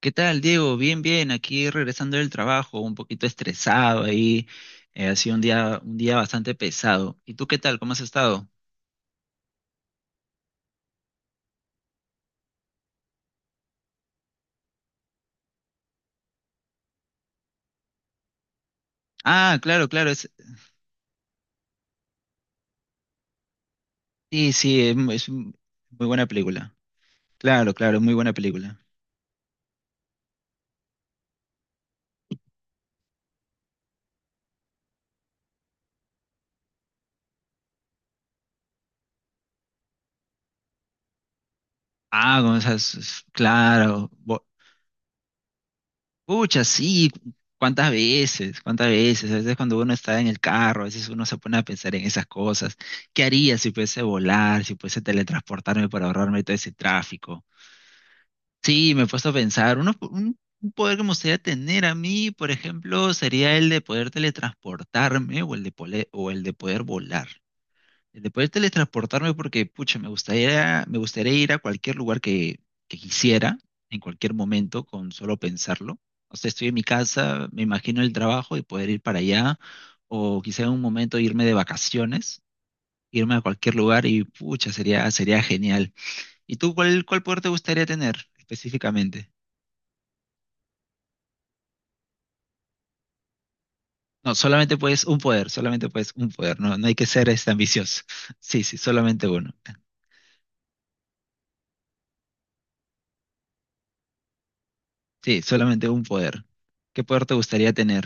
¿Qué tal, Diego? Bien, bien, aquí regresando del trabajo, un poquito estresado ahí, ha sido un día bastante pesado. ¿Y tú qué tal? ¿Cómo has estado? Ah, claro, claro, sí, sí, es, mu- es un- muy buena película. Claro, claro, es muy buena película. Ah, con esas, claro, pucha, sí, cuántas veces, a veces cuando uno está en el carro, a veces uno se pone a pensar en esas cosas. ¿Qué haría si pudiese volar, si pudiese teletransportarme para ahorrarme todo ese tráfico? Sí, me he puesto a pensar, un poder que me gustaría tener a mí, por ejemplo, sería el de poder teletransportarme o el de poder volar. El de poder teletransportarme porque, pucha, me gustaría ir a cualquier lugar que quisiera, en cualquier momento, con solo pensarlo. O sea, estoy en mi casa, me imagino el trabajo y poder ir para allá, o quizá en un momento irme de vacaciones, irme a cualquier lugar y, pucha, sería genial. ¿Y tú cuál poder te gustaría tener específicamente? No, solamente puedes un poder, solamente puedes un poder, no, no hay que ser ambicioso. Sí, sí, solamente uno. Sí, solamente un poder. ¿Qué poder te gustaría tener?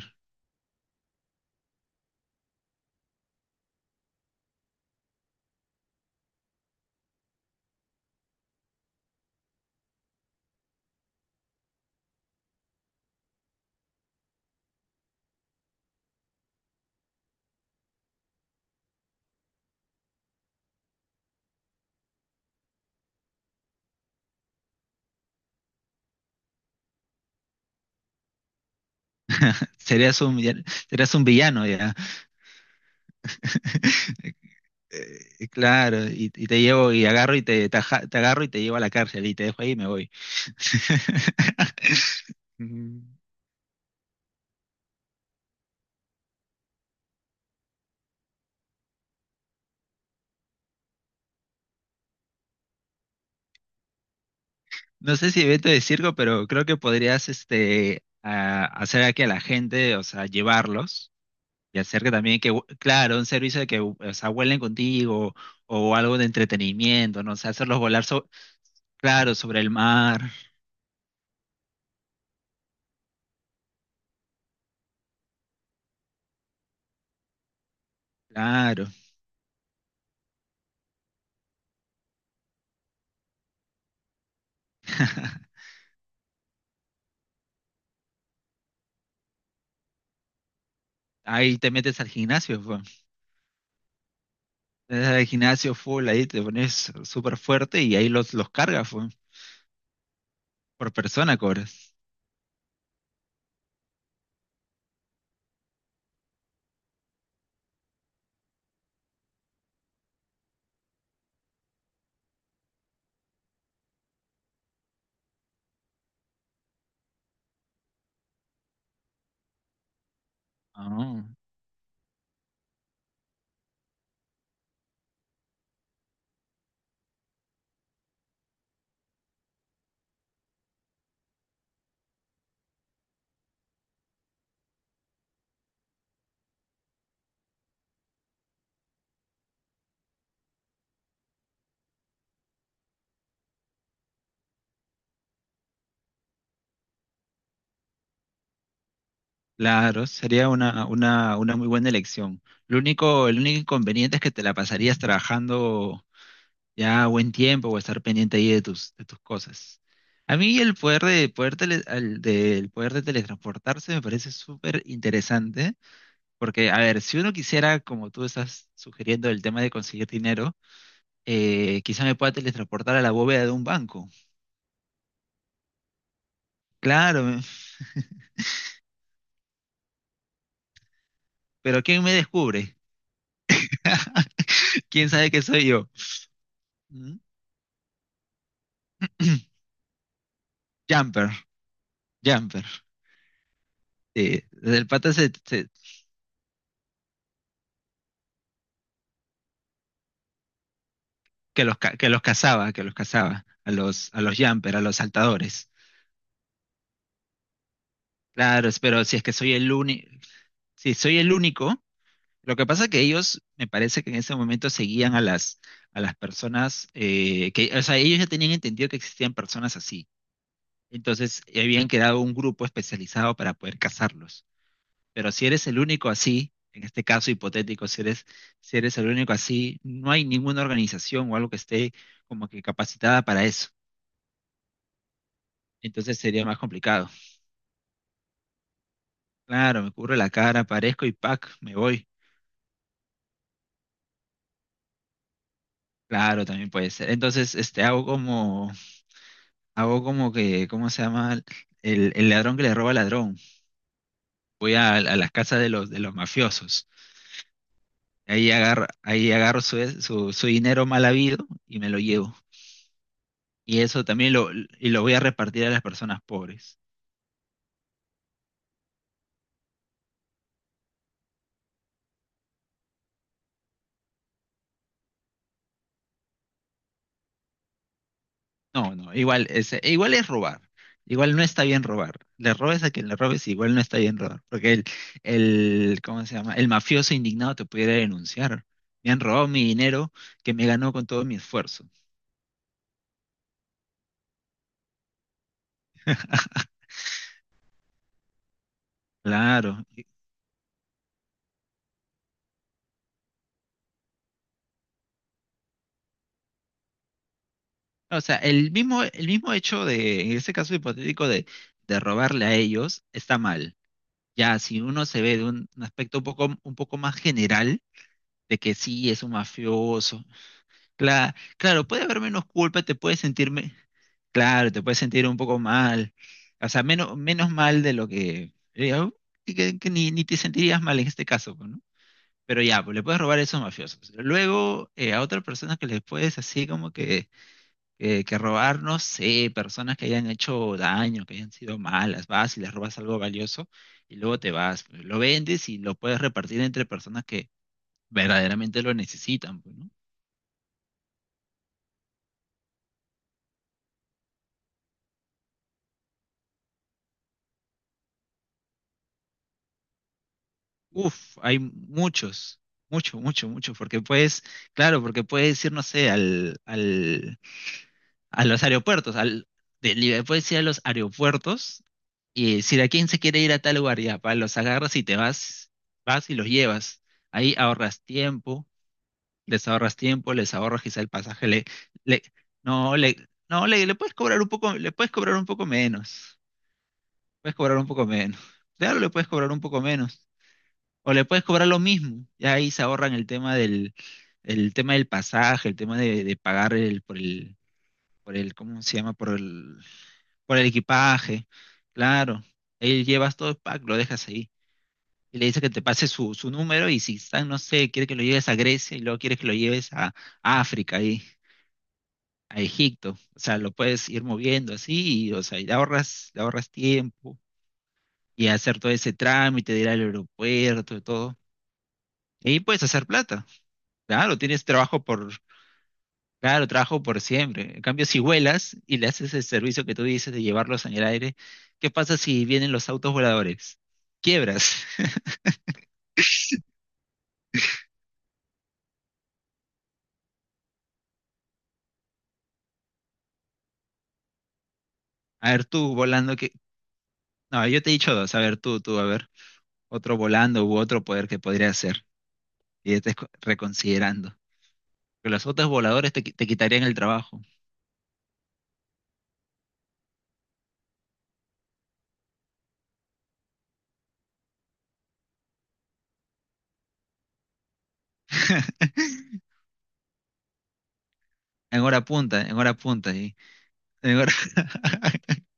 Serías un, villano- serías un villano ya. Claro, y te llevo y agarro y te agarro y te llevo a la cárcel y te dejo ahí y me voy. Mm. No sé si evento de circo, pero creo que podrías hacer aquí a la gente, o sea, llevarlos. Y hacer que también claro, un servicio de que, o sea, vuelen contigo o algo de entretenimiento, ¿no? O sea, hacerlos volar, claro, sobre el mar, claro. Ahí te metes al gimnasio, fue. Te metes al gimnasio full, ahí te pones súper fuerte y ahí los cargas, fue. Por persona cobras. Ah, claro, sería una muy buena elección. Lo único, el único inconveniente es que te la pasarías trabajando ya buen tiempo o estar pendiente ahí de tus cosas. A mí el poder de, poder tele- al- del poder de teletransportarse me parece súper interesante, porque, a ver, si uno quisiera, como tú estás sugiriendo, el tema de conseguir dinero, quizá me pueda teletransportar a la bóveda de un banco. Claro, pero ¿quién me descubre? ¿Quién sabe que soy yo? ¿Mm? Jumper, Jumper. Sí, el pata que los cazaba, a los Jumper, a los saltadores. Claro, pero si es que soy el único, si soy el único, lo que pasa es que ellos, me parece que en ese momento seguían a las personas, que, o sea, ellos ya tenían entendido que existían personas así. Entonces, habían creado un grupo especializado para poder cazarlos. Pero si eres el único así, en este caso hipotético, si eres el único así, no hay ninguna organización o algo que esté como que capacitada para eso. Entonces sería más complicado. Claro, me cubro la cara, aparezco y pac, me voy. Claro, también puede ser. Entonces, hago como que, ¿cómo se llama? El ladrón que le roba al ladrón. Voy a las casas de los mafiosos. Ahí agarro su dinero mal habido y me lo llevo. Y eso también y lo voy a repartir a las personas pobres. No, no, igual es robar. Igual no está bien robar. Le robes a quien le robes, igual no está bien robar. Porque el, ¿cómo se llama? El mafioso indignado te pudiera denunciar. Me han robado mi dinero que me ganó con todo mi esfuerzo. Claro. O sea, el mismo hecho de, en este caso hipotético de robarle a ellos, está mal. Ya, si uno se ve de un aspecto un poco más general, de que sí es un mafioso, claro, puede haber menos culpa, te puedes sentirme, claro, te puedes sentir un poco mal, o sea, menos, menos mal de lo que, au- que ni, ni te sentirías mal en este caso, pues, ¿no? Pero ya, pues le puedes robar a esos mafiosos. Luego, a otras personas que les puedes así como que robar, no sé, personas que hayan hecho daño, que hayan sido malas, vas y les robas algo valioso y luego te vas, pues, lo vendes y lo puedes repartir entre personas que verdaderamente lo necesitan, pues, ¿no? Uf, hay mucho, mucho, mucho, porque puedes, claro, porque puedes ir, no sé, a los aeropuertos, puedes ir a los aeropuertos y decir a quién se quiere ir a tal lugar, ya, pa, los agarras y te vas, vas y los llevas. Ahí ahorras tiempo, les ahorras tiempo, les ahorras quizá el pasaje, le, no, le, no, le puedes cobrar un poco, le puedes cobrar un poco menos, puedes cobrar un poco menos. Claro, le puedes cobrar un poco menos. O le puedes cobrar lo mismo. Y ahí se ahorran el tema del pasaje, el tema de pagar ¿cómo se llama? Por el equipaje. Claro. Ahí llevas todo el pack, lo dejas ahí. Y le dices que te pase su número y si están, no sé, quiere que lo lleves a Grecia y luego quieres que lo lleves a África ahí, a Egipto. O sea, lo puedes ir moviendo así, y, o sea, y le ahorras tiempo y hacer todo ese trámite de ir al aeropuerto y todo. Y ahí puedes hacer plata. Claro, claro, trabajo por siempre. En cambio, si vuelas y le haces el servicio que tú dices de llevarlos en el aire, ¿qué pasa si vienen los autos voladores? Quiebras. A ver, tú volando que... No, yo te he dicho dos. A ver, tú, a ver. Otro volando u otro poder que podría hacer. Y ya estés reconsiderando. Que los autos voladores te quitarían el trabajo. En hora punta, en hora punta. Sí. En hora-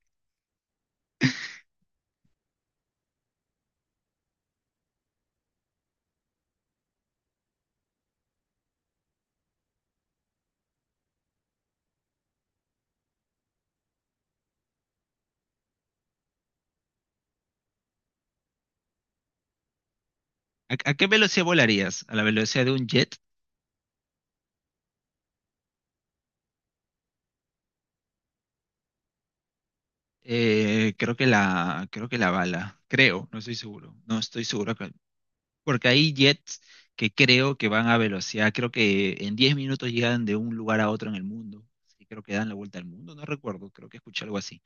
¿A qué velocidad volarías? ¿A la velocidad de un jet? Creo que la bala, creo, no estoy seguro, no estoy seguro, porque hay jets que creo que van a velocidad, creo que en 10 minutos llegan de un lugar a otro en el mundo, sí, creo que dan la vuelta al mundo, no recuerdo, creo que escuché algo así.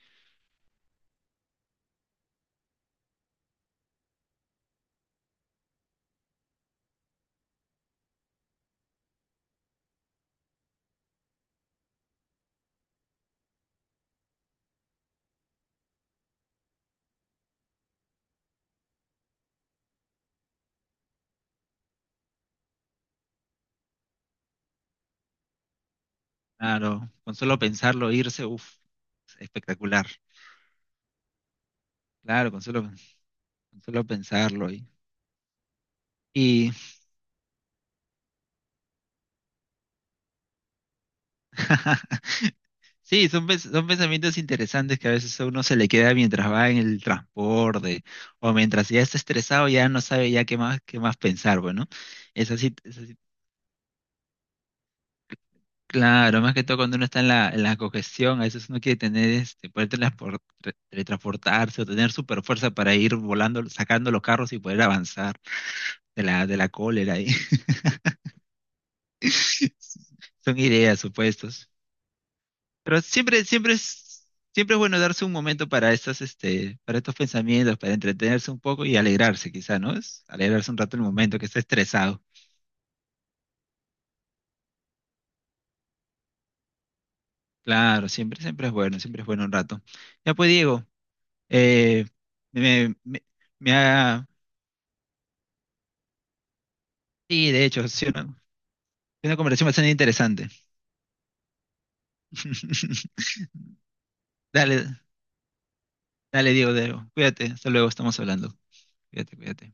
Claro, con solo pensarlo, irse, uff, espectacular, claro, con solo pensarlo y Sí, son pensamientos interesantes que a veces a uno se le queda mientras va en el transporte o mientras ya está estresado, ya no sabe ya qué más pensar, bueno. Es así, es así. Claro, más que todo cuando uno está en la congestión, a veces uno quiere tener, poder teletransportarse o tener super fuerza para ir volando, sacando los carros y poder avanzar de la cólera ahí. Son ideas, supuestos. Pero siempre es bueno darse un momento para para estos pensamientos, para entretenerse un poco y alegrarse, quizá, ¿no? Es alegrarse un rato el momento que está estresado. Claro, siempre es bueno, siempre es bueno un rato. Ya pues, Diego, eh, me, me, me ha, sí, de hecho, sí, una conversación bastante interesante. Dale, dale, Diego, Diego, cuídate, hasta luego, estamos hablando. Cuídate, cuídate.